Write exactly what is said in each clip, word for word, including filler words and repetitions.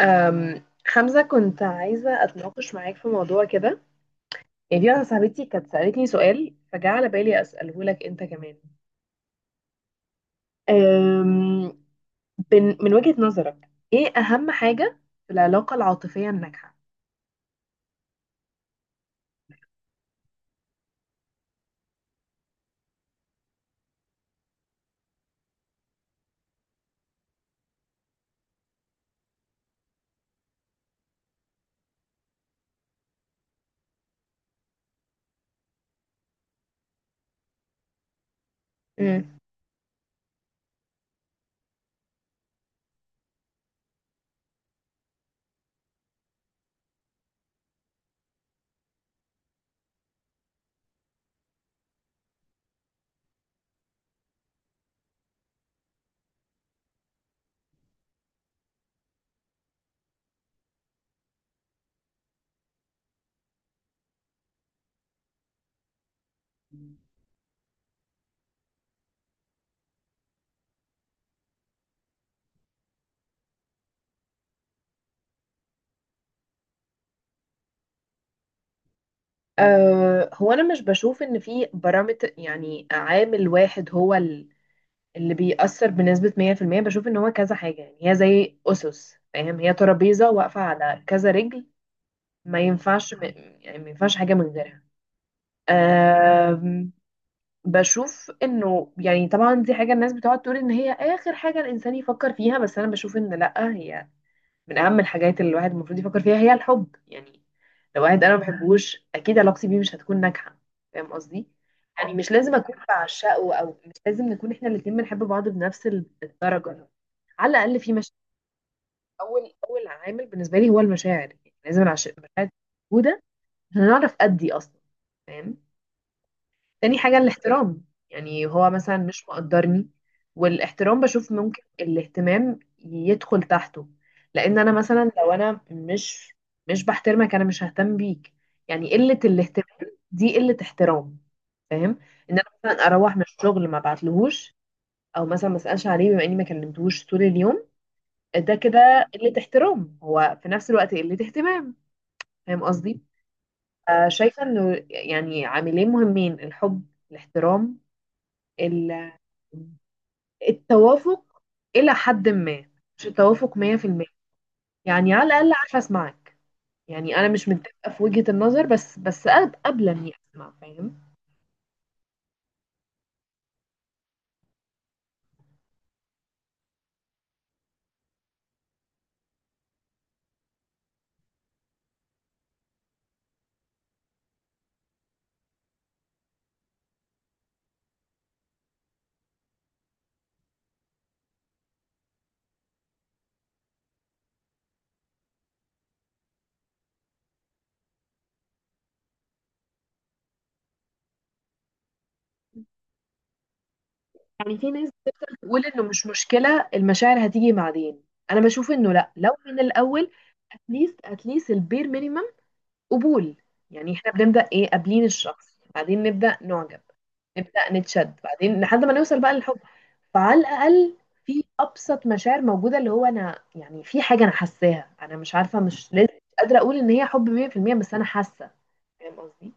أم، حمزة كنت عايزة أتناقش معاك في موضوع كده. يعني دي واحدة صاحبتي كانت سألتني سؤال فجاء على بالي أسأله لك أنت كمان. أم، بن- من وجهة نظرك إيه أهم حاجة في العلاقة العاطفية الناجحة؟ مم. أه هو أنا مش بشوف إن في بارامتر، يعني عامل واحد هو ال- اللي بيأثر بنسبة مية في المية. بشوف إن هو كذا حاجة، يعني هي زي أسس، فاهم، هي ترابيزة واقفة على كذا رجل. ما ينفعش، يعني ما ينفعش حاجة من غيرها. أم، بشوف انه يعني طبعا دي حاجة الناس بتقعد تقول ان هي اخر حاجة الانسان يفكر فيها، بس انا بشوف ان لا، هي من اهم الحاجات اللي الواحد المفروض يفكر فيها هي الحب. يعني لو واحد انا ما بحبوش اكيد علاقتي بيه مش هتكون ناجحة. فاهم قصدي؟ يعني مش لازم اكون بعشقه او مش لازم نكون احنا الاتنين بنحب بعض بنفس الدرجة، على الاقل في مشاعر. اول اول عامل بالنسبة لي هو المشاعر، يعني لازم العش- المشاعر تكون موجودة عشان نعرف ادي اصلا. فاهم. تاني حاجة الاحترام، يعني هو مثلا مش مقدرني. والاحترام بشوف ممكن الاهتمام يدخل تحته. لأن أنا مثلا لو أنا مش مش بحترمك أنا مش ههتم بيك. يعني قلة الاهتمام دي قلة احترام. فاهم. إن أنا مثلا أروح من الشغل ما بعتلهوش أو مثلا ما أسألش عليه بما إني ما كلمتهوش طول اليوم، ده كده قلة احترام، هو في نفس الوقت قلة اهتمام. فاهم قصدي؟ آه، شايفة إنه يعني عاملين مهمين، الحب، الاحترام، ال- التوافق إلى حد ما، مش التوافق مية في المية. يعني على الأقل عارفة أسمعك، يعني أنا مش متفقة في وجهة النظر، بس بس أب- قابلة إني أسمع. فاهم. يعني في ناس بتقول إنه مش مشكلة المشاعر هتيجي بعدين، أنا بشوف إنه لأ، لو من الأول أتليست أتليست البير مينيمم قبول. يعني إحنا بنبدأ إيه، قابلين الشخص، بعدين نبدأ نعجب، نبدأ نتشد، بعدين لحد ما نوصل بقى للحب. فعلى الاقل في ابسط مشاعر موجوده، اللي هو انا يعني في حاجه انا حاساها، انا مش عارفه، مش لازم، مش قادره اقول ان هي حب مية في المية، بس انا حاسه. فاهم قصدي.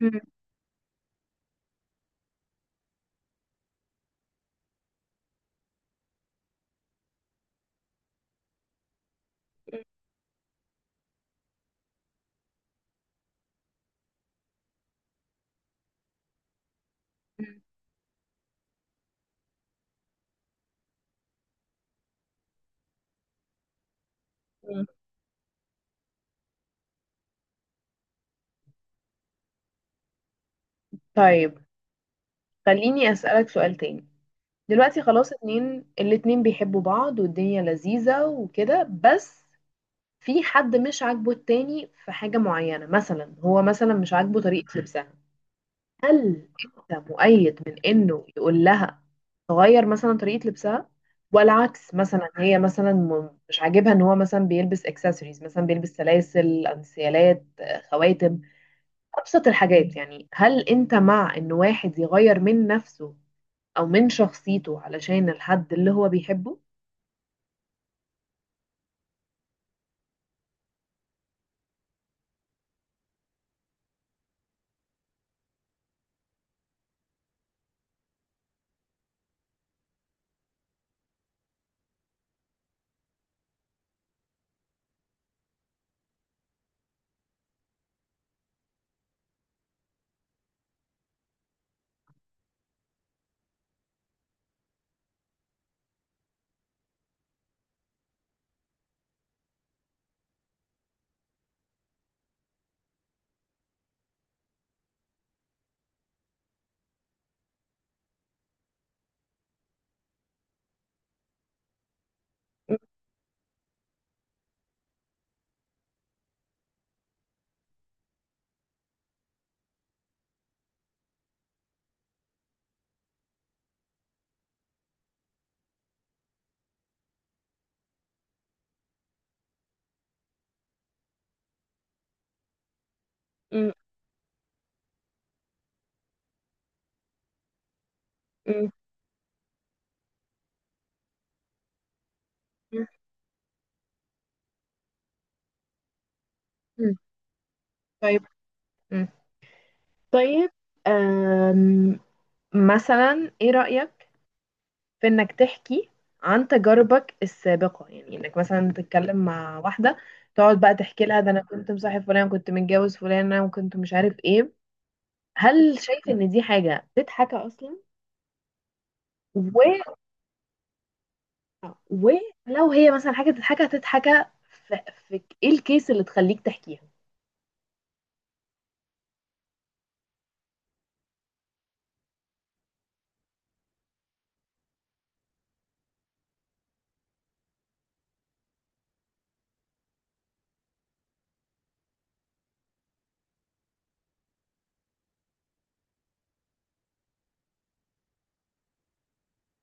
مم. مم. طيب، خليني أسألك سؤال تاني. دلوقتي خلاص اتنين، الاتنين بيحبوا بعض والدنيا لذيذة وكده، بس في حد مش عاجبه التاني في حاجة معينة، مثلا هو مثلا مش عاجبه طريقة لبسها. هل انت مؤيد من انه يقول لها تغير مثلا طريقة لبسها؟ ولا عكس، مثلا هي مثلا م- مش عاجبها ان هو مثلا بيلبس اكسسوارز، مثلا بيلبس سلاسل انسيالات، آه، خواتم، ابسط الحاجات. يعني هل انت مع ان واحد يغير من نفسه او من شخصيته علشان الحد اللي هو بيحبه؟ م- م- م- م- م. طيب. مم. طيب. أم، مثلا ايه رأيك في انك تحكي عن تجاربك السابقة؟ يعني انك مثلا تتكلم مع واحدة تقعد بقى تحكي لها ده انا كنت مصاحب فلان، كنت متجوز فلانة، وكنت مش عارف ايه. هل شايف ان دي حاجة تتحكى اصلا؟ و... ولو هي مثلا حاجة تتحكى تتحكى في... في ايه الكيس اللي تخليك تحكيها؟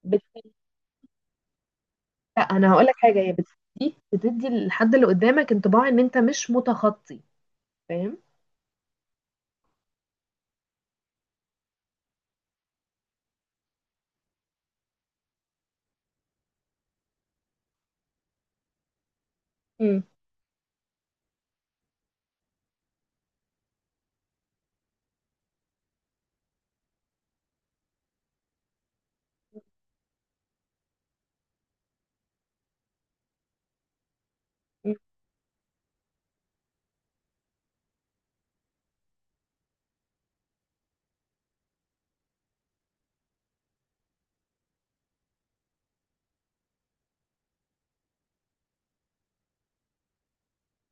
بت... لا انا هقول لك حاجة، هي بتدي بتدي للحد اللي قدامك انطباع ان انت مش متخطي. فاهم. امم.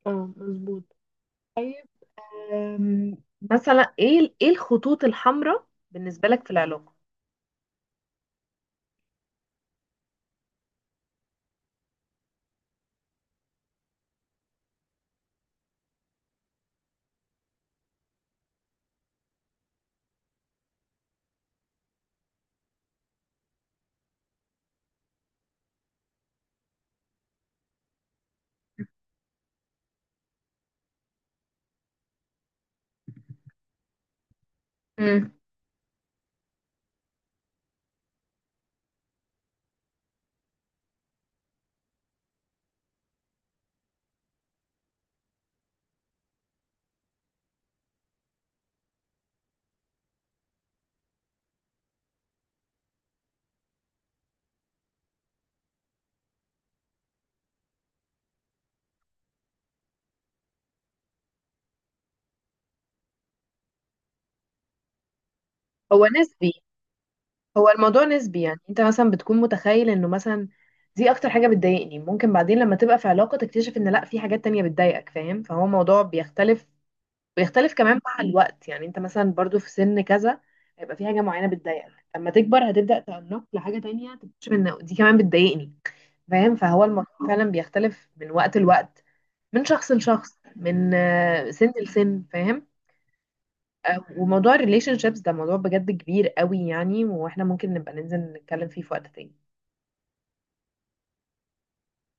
اه، مظبوط. أم، مثلا ايه ايه الخطوط الحمراء بالنسبة لك في العلاقة؟ امم. هو نسبي. هو الموضوع نسبي. يعني انت مثلا بتكون متخيل انه مثلا دي اكتر حاجة بتضايقني، ممكن بعدين لما تبقى في علاقة تكتشف ان لا، في حاجات تانية بتضايقك. فاهم. فهو موضوع بيختلف، بيختلف كمان مع الوقت. يعني انت مثلا برضو في سن كذا هيبقى في حاجة معينة بتضايقك، لما تكبر هتبدأ تنق لحاجة تانية، تكتشف ان دي كمان بتضايقني. فاهم. فهو الموضوع فعلا بيختلف من وقت لوقت، من شخص لشخص، من آه، سن لسن. فاهم. آه، وموضوع الريليشن شيبس ده موضوع بجد كبير قوي يعني، واحنا ممكن نبقى ننزل نتكلم فيه في وقت تاني.